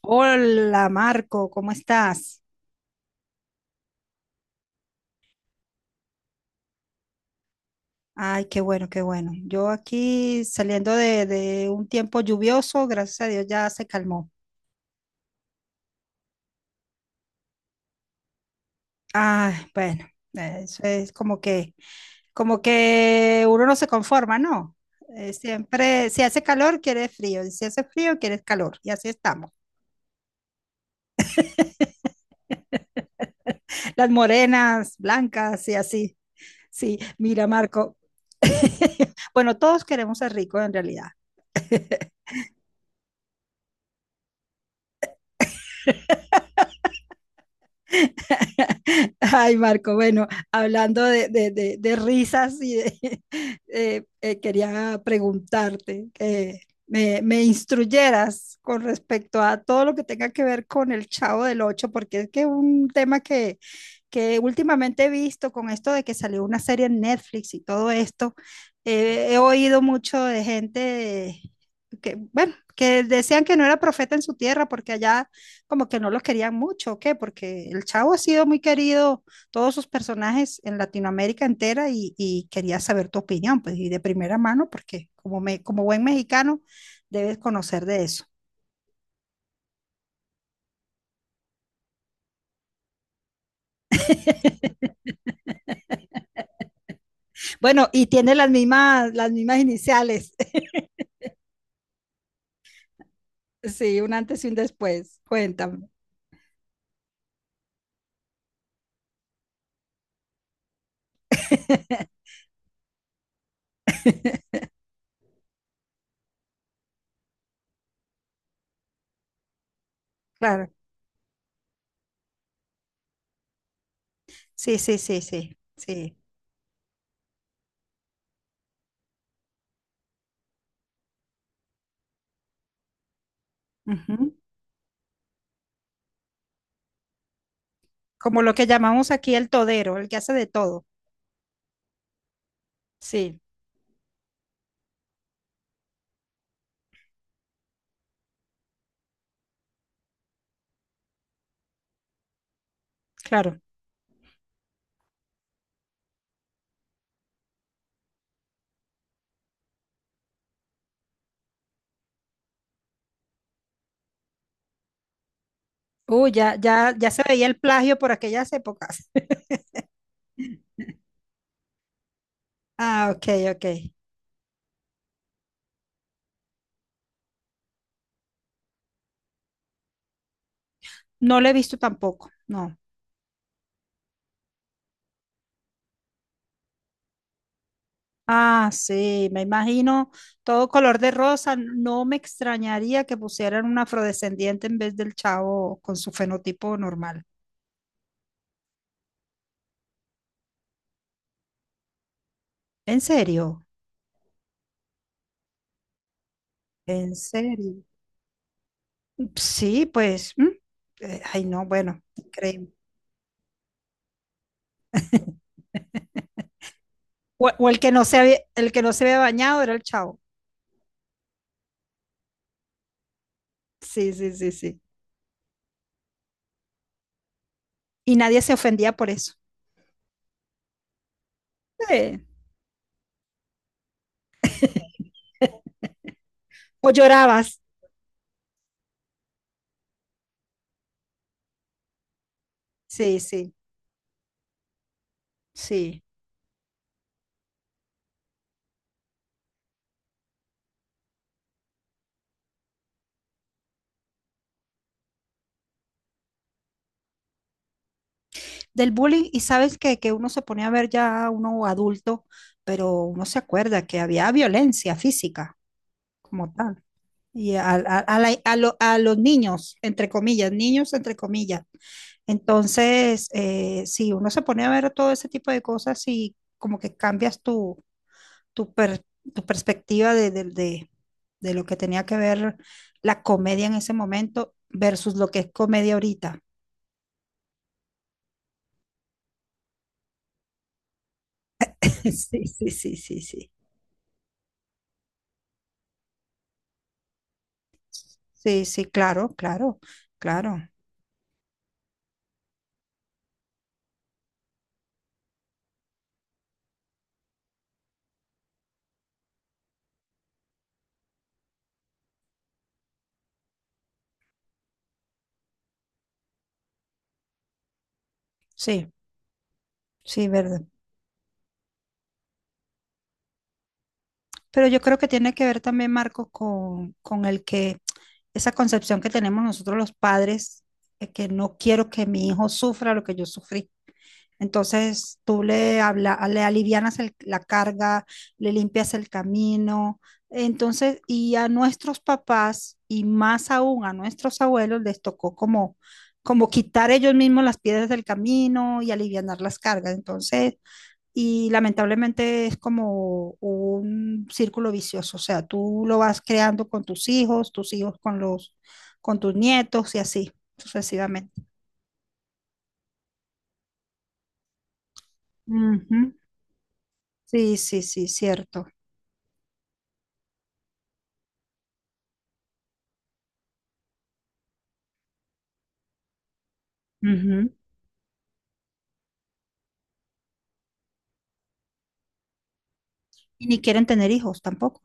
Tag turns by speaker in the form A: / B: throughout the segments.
A: Hola Marco, ¿cómo estás? Ay, qué bueno, qué bueno. Yo aquí saliendo de un tiempo lluvioso, gracias a Dios ya se calmó. Ay, bueno, eso es como que uno no se conforma, ¿no? Siempre, si hace calor, quieres frío, y si hace frío, quieres calor, y así estamos. Las morenas, blancas y así. Sí, mira Marco. Bueno, todos queremos ser ricos en realidad. Ay, Marco, bueno, hablando de risas quería preguntarte que me instruyeras con respecto a todo lo que tenga que ver con el Chavo del Ocho, porque es que es un tema que últimamente he visto con esto de que salió una serie en Netflix y todo esto. He oído mucho de gente que, bueno, que decían que no era profeta en su tierra porque allá como que no los querían mucho, ¿o qué? Porque el Chavo ha sido muy querido, todos sus personajes en Latinoamérica entera y quería saber tu opinión, pues, y de primera mano, porque como buen mexicano debes conocer de eso. Bueno, y tiene las mismas iniciales. Sí, un antes y un después. Cuéntame. Claro. Sí, sí, sí, sí, sí. Ujú. Como lo que llamamos aquí el todero, el que hace de todo. Sí, claro. Ya, ya, ya se veía el plagio por aquellas épocas. Ah, ok, ok. No lo he visto tampoco, no. Ah, sí, me imagino todo color de rosa. No me extrañaría que pusieran un afrodescendiente en vez del chavo con su fenotipo normal. ¿En serio? ¿En serio? Sí, pues, ay, no, bueno, increíble. O el que no se había, el que no se había bañado era el chavo. Sí, sí, sí, sí. Y nadie se ofendía por eso. Sí. O llorabas. Sí, sí, sí. Del bullying, y sabes que uno se pone a ver ya uno adulto, pero uno se acuerda que había violencia física como tal. Y a la- a lo- a los niños, entre comillas, niños, entre comillas. Entonces, si uno se pone a ver todo ese tipo de cosas y como que cambias tu, per- tu perspectiva de lo que tenía que ver la comedia en ese momento versus lo que es comedia ahorita. Sí, sí, sí, sí, sí. Sí, sí, claro, claro, claro. Sí, sí, verdad. Pero yo creo que tiene que ver también, Marco, con el que esa concepción que tenemos nosotros los padres, que no quiero que mi hijo sufra lo que yo sufrí. Entonces tú le habla, le alivianas la carga, le limpias el camino. Entonces, y a nuestros papás y más aún a nuestros abuelos les tocó como, como quitar ellos mismos las piedras del camino y alivianar las cargas. Entonces, y lamentablemente es como un círculo vicioso. O sea, tú lo vas creando con tus hijos, con tus nietos y así sucesivamente. Ujú. Sí, sí, sí, cierto. Ujú. Y ni quieren tener hijos tampoco.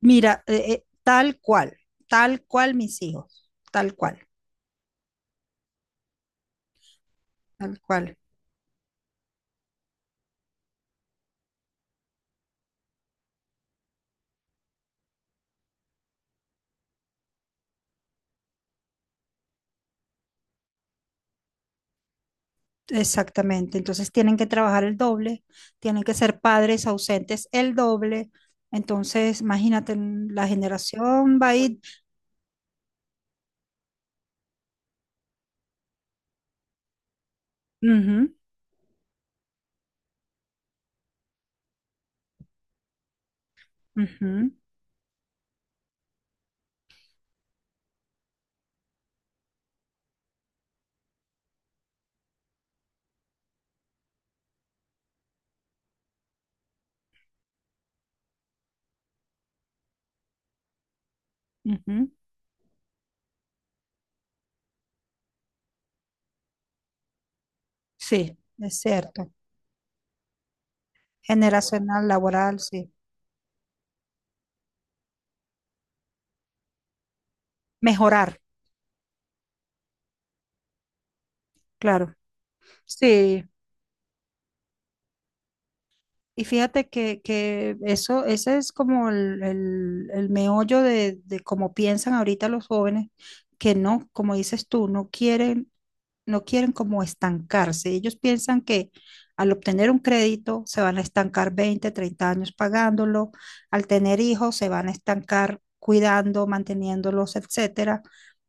A: Mira, tal cual mis hijos, tal cual, tal cual. Exactamente. Entonces tienen que trabajar el doble, tienen que ser padres ausentes el doble. Entonces, imagínate, la generación va a ir... Ujú, ujú, ujú. Sí, es cierto. Generacional, laboral, sí. Mejorar, claro. Sí, y fíjate que eso, ese es como el meollo de cómo piensan ahorita los jóvenes, que no, como dices tú, no quieren como estancarse. Ellos piensan que al obtener un crédito se van a estancar 20 30 años pagándolo, al tener hijos se van a estancar cuidando, manteniéndolos, etcétera.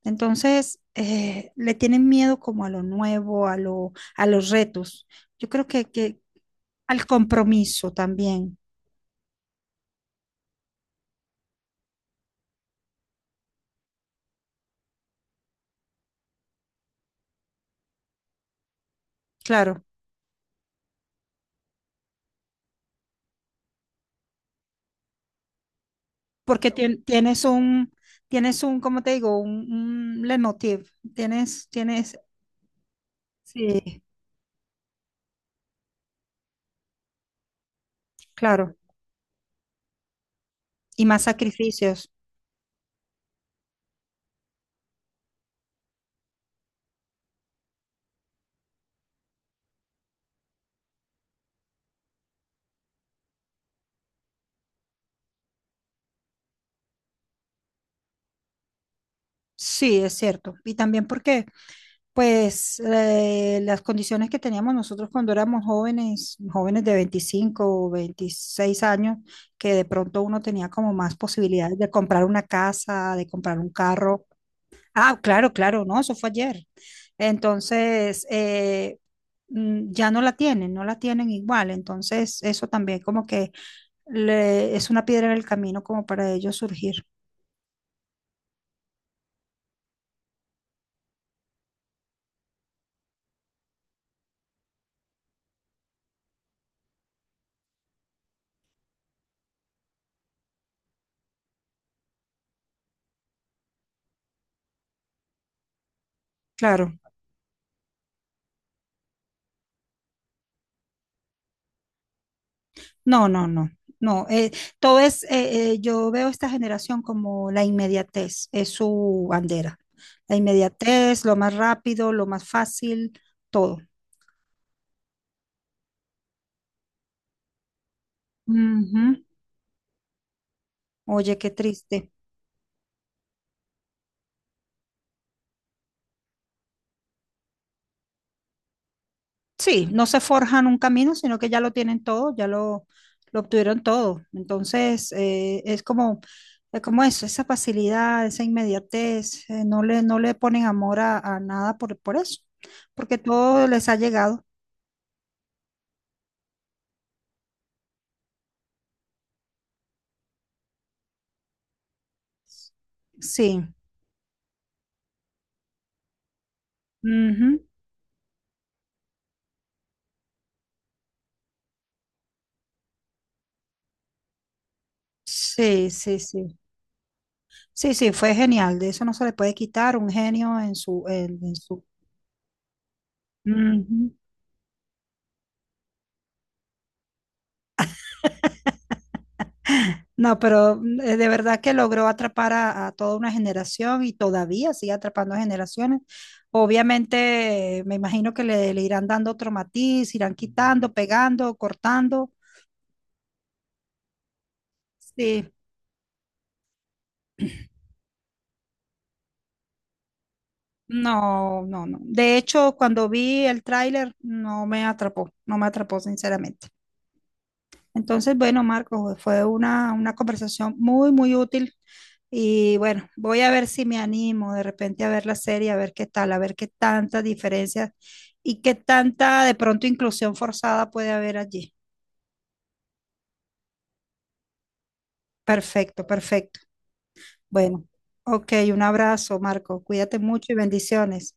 A: Entonces, le tienen miedo como a lo nuevo, a los retos. Yo creo que al compromiso también, claro, porque tienes un, ¿cómo te digo? Un leitmotiv, tienes, tienes, sí, claro, y más sacrificios, sí, es cierto, y también porque, pues, las condiciones que teníamos nosotros cuando éramos jóvenes, jóvenes de 25 o 26 años, que de pronto uno tenía como más posibilidades de comprar una casa, de comprar un carro, ah, claro, claro, no, eso fue ayer. Entonces, ya no la tienen, no la tienen igual. Entonces, eso también como que es una piedra en el camino como para ellos surgir. Claro, no, no, no, no. Todo es, yo veo esta generación como la inmediatez, es su bandera. La inmediatez, lo más rápido, lo más fácil, todo. Ujú. Oye, qué triste. Sí, no se forjan un camino, sino que ya lo tienen todo, lo obtuvieron todo. Entonces, es como eso, esa facilidad, esa inmediatez, no le, no le ponen amor a nada por, por eso, porque todo les ha llegado. Sí. Ujú. Sí, sí, sí. Sí, sí, fue genial, de eso no se le puede quitar un genio en su, en su. Ujú. No, pero de verdad que logró atrapar a toda una generación y todavía sigue atrapando a generaciones. Obviamente, me imagino que le irán dando otro matiz, irán quitando, pegando, cortando. Sí, no, no, no. De hecho, cuando vi el tráiler, no me atrapó, no me atrapó, sinceramente. Entonces, bueno, Marcos, fue una conversación muy, muy útil. Y bueno, voy a ver si me animo de repente a ver la serie, a ver qué tal, a ver qué tantas diferencias y qué tanta de pronto inclusión forzada puede haber allí. Perfecto, perfecto. Bueno, ok, un abrazo, Marco. Cuídate mucho y bendiciones.